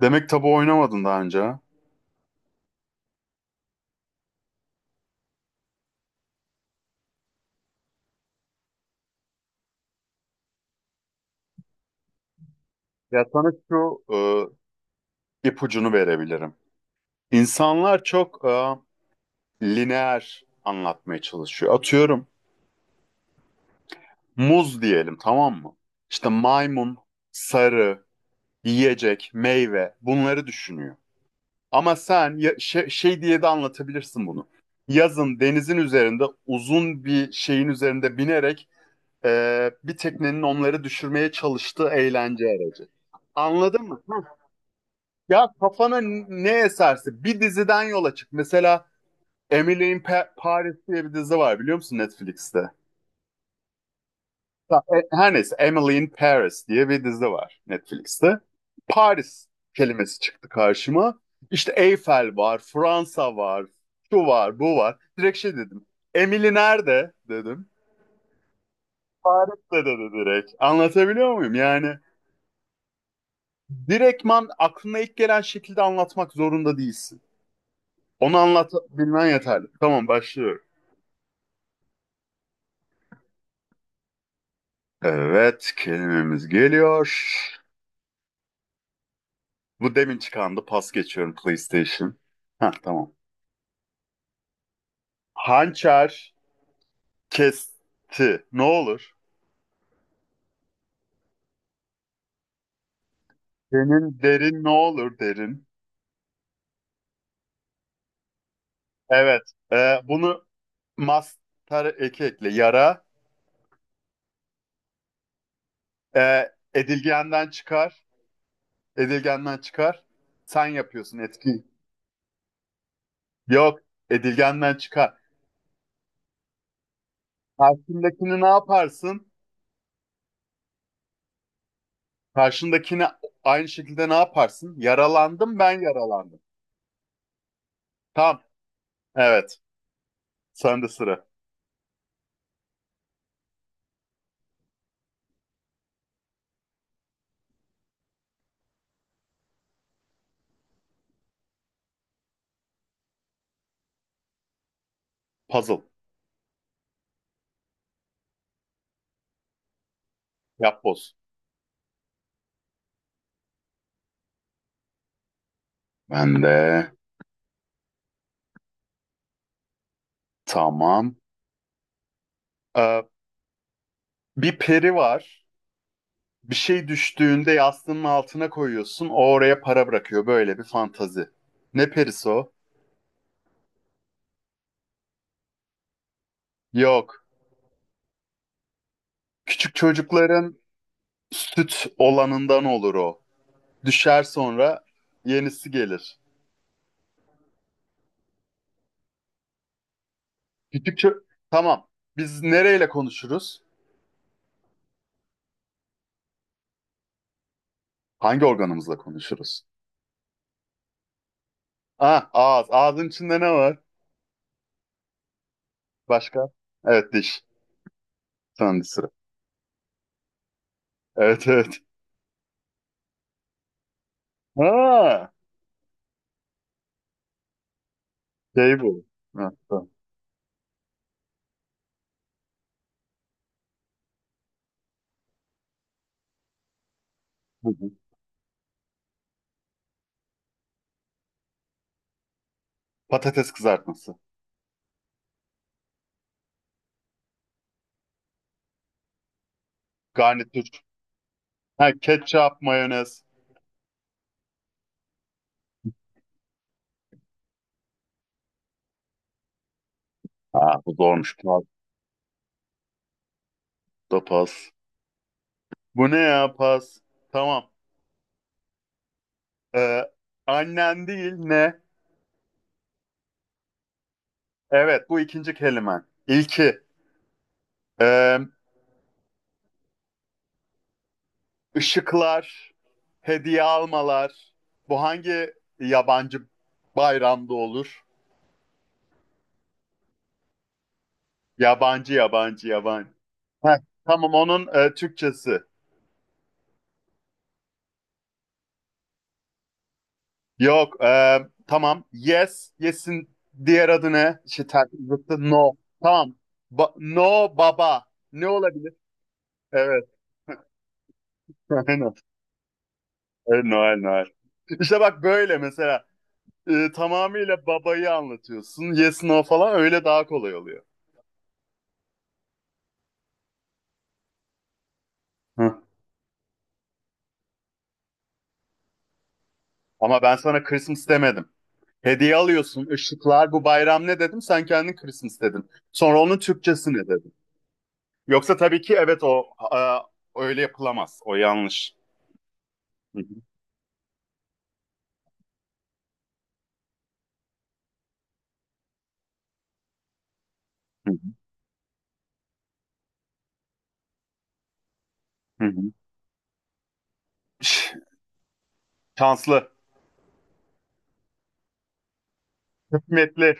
Demek tabu oynamadın daha önce, ha? Ya sana şu ipucunu verebilirim. İnsanlar çok lineer anlatmaya çalışıyor. Atıyorum muz diyelim, tamam mı? İşte maymun, sarı, yiyecek, meyve bunları düşünüyor. Ama sen şey, şey diye de anlatabilirsin bunu. Yazın denizin üzerinde uzun bir şeyin üzerinde binerek bir teknenin onları düşürmeye çalıştığı eğlence aracı. Anladın mı? Ya kafana ne eserse bir diziden yola çık. Mesela Paris diye bir dizi var, biliyor musun Netflix'te? Ha, her neyse, Emily in Paris diye bir dizi var Netflix'te. Paris kelimesi çıktı karşıma. İşte Eyfel var, Fransa var, şu var, bu var. Direkt şey dedim. Emily nerede dedim. Paris'te dedi direkt. Anlatabiliyor muyum? Yani direktman aklına ilk gelen şekilde anlatmak zorunda değilsin. Onu anlatabilmen yeterli. Tamam, başlıyorum. Evet, kelimemiz geliyor. Bu demin çıkandı. Pas geçiyorum. PlayStation. Ha, tamam. Hançer kesti. Ne olur? Senin derin ne olur, derin? Evet. Bunu master eki ekle. Yara. Edilgenden çıkar. Edilgenden çıkar. Sen yapıyorsun, etki. Yok. Edilgenden çıkar. Karşındakini ne yaparsın? Karşındakini aynı şekilde ne yaparsın? Yaralandım, ben yaralandım. Tamam. Evet. Sende sıra. Puzzle. Yapboz. Ben de tamam. Ee, Bir peri var. Bir şey düştüğünde yastığının altına koyuyorsun. O oraya para bırakıyor. Böyle bir fantazi. Ne perisi o? Yok. Küçük çocukların süt olanından olur o. Düşer, sonra yenisi gelir. Küçük ço- Tamam. Biz nereyle konuşuruz? Hangi organımızla konuşuruz? Ah, ağız. Ağzın içinde ne var? Başka? Evet, diş. Sende sıra. Evet, evet. Ha, şey bu. Ha, tamam. Hı hı. Patates kızartması. Garnitür. Ha, ketçap, mayonez. Ha, bu zormuş. Pas da pas. Bu ne ya pas? Tamam. Ee, Annen değil ne? Evet, bu ikinci kelimen. İlki. Ee, ışıklar. Hediye almalar. Bu hangi yabancı bayramda olur? Yabancı, yabancı, yabancı. Heh, tamam, onun Türkçesi. Yok. Tamam. Yes. Yes'in diğer adı ne? İşte ters zıttı. No. Tamam. No baba. Ne olabilir? Evet. Aynen. Evet, Noel, Noel. İşte bak böyle mesela. Tamamıyla babayı anlatıyorsun. Yes, no falan, öyle daha kolay oluyor. Hı. Ama ben sana Christmas demedim. Hediye alıyorsun. Işıklar, bu bayram ne dedim? Sen kendin Christmas dedin. Sonra onun Türkçesi ne dedin? Yoksa tabii ki evet, o e, öyle yapılamaz. O yanlış. Hı hı. Hı hı. Ş- Şanslı. Hikmetli.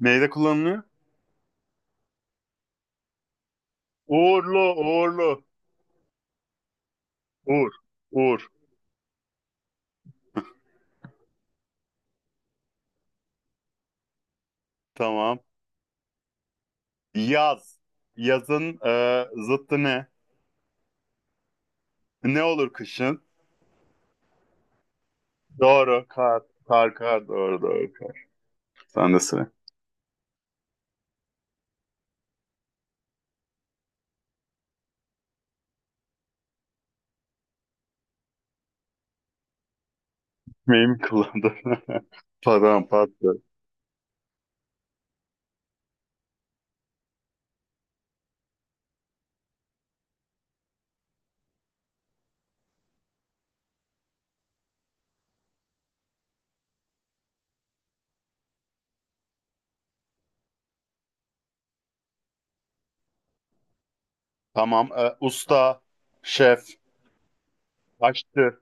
Neyde kullanılıyor? Uğurlu, uğurlu. Uğur. Uğur. Tamam. Yaz. Yazın zıttı ne? Ne olur kışın? Doğru. Kar. Kar, kar. Doğru, doğru. Kar. Sen de sıra. Hikmeyi mi kullandın? Pardon, pardon. Tamam. Usta. Şef. Aşçı.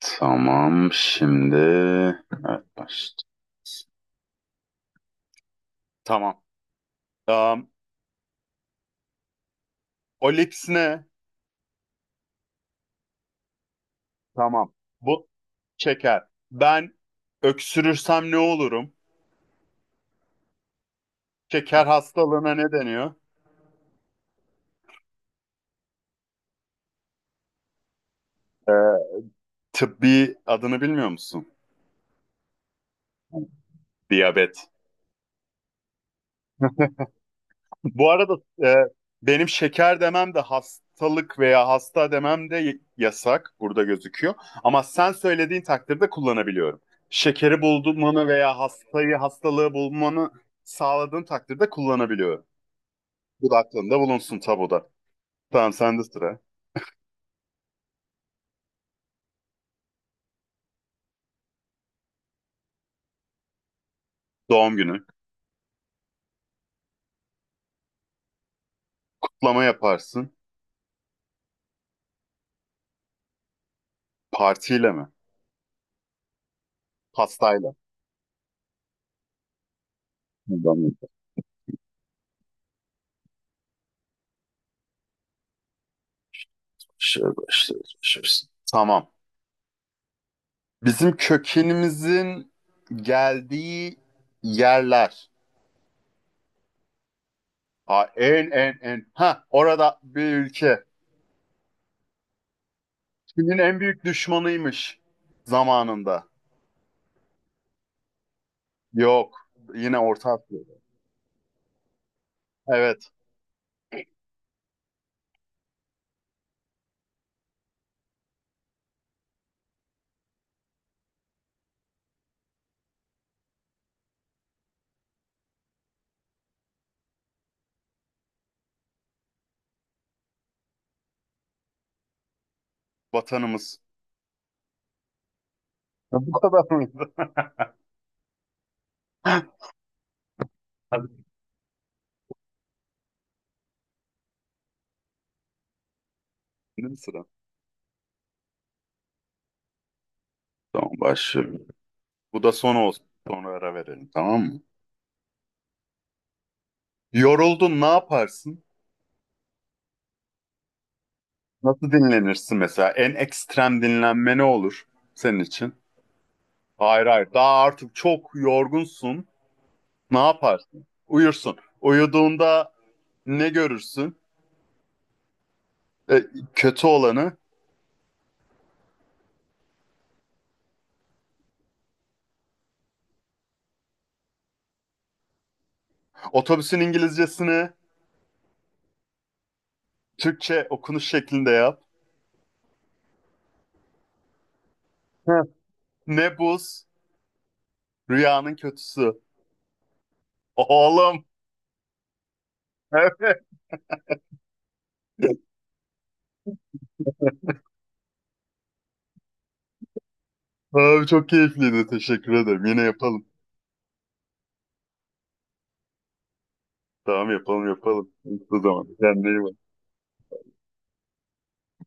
Tamam. Şimdi... Evet, başladı. Tamam. Um, Olips ne? Tamam. Bu şeker. Ben öksürürsem ne olurum? Şeker hastalığına ne deniyor? Ee, Tıbbi adını bilmiyor musun? Diyabet. Bu arada e, benim şeker demem de, hastalık veya hasta demem de yasak. Burada gözüküyor. Ama sen söylediğin takdirde kullanabiliyorum. Şekeri bulmanı veya hastayı, hastalığı bulmanı sağladığın takdirde kullanabiliyorum. Bu da aklında bulunsun tabuda. Tamam, sende sıra. Doğum günü. Kutlama yaparsın. Partiyle mi? Pastayla. Buradan Şöyle başlıyoruz. Tamam. Bizim kökenimizin geldiği yerler. Aa, en en en. Ha, orada bir ülke. Çin'in en büyük düşmanıymış zamanında. Yok. Yine Orta Asya'da. Evet. Vatanımız. Bu kadar mıydı? Hadi. Benim sıram. Tamam, başlıyorum. Bu da son olsun. Sonra ara verelim, tamam mı? Yoruldun, ne yaparsın? Nasıl dinlenirsin mesela? En ekstrem dinlenme ne olur senin için? Hayır, hayır. Daha artık çok yorgunsun. Ne yaparsın? Uyursun. Uyuduğunda ne görürsün? E, kötü olanı. Otobüsün İngilizcesini Türkçe okunuş şeklinde yap. Heh. Ne buz? Rüyanın kötüsü. Oğlum. Evet. Abi çok keyifliydi. Teşekkür ederim. Yine yapalım. Tamam, yapalım yapalım. Bu zaman. Kendine iyi bak.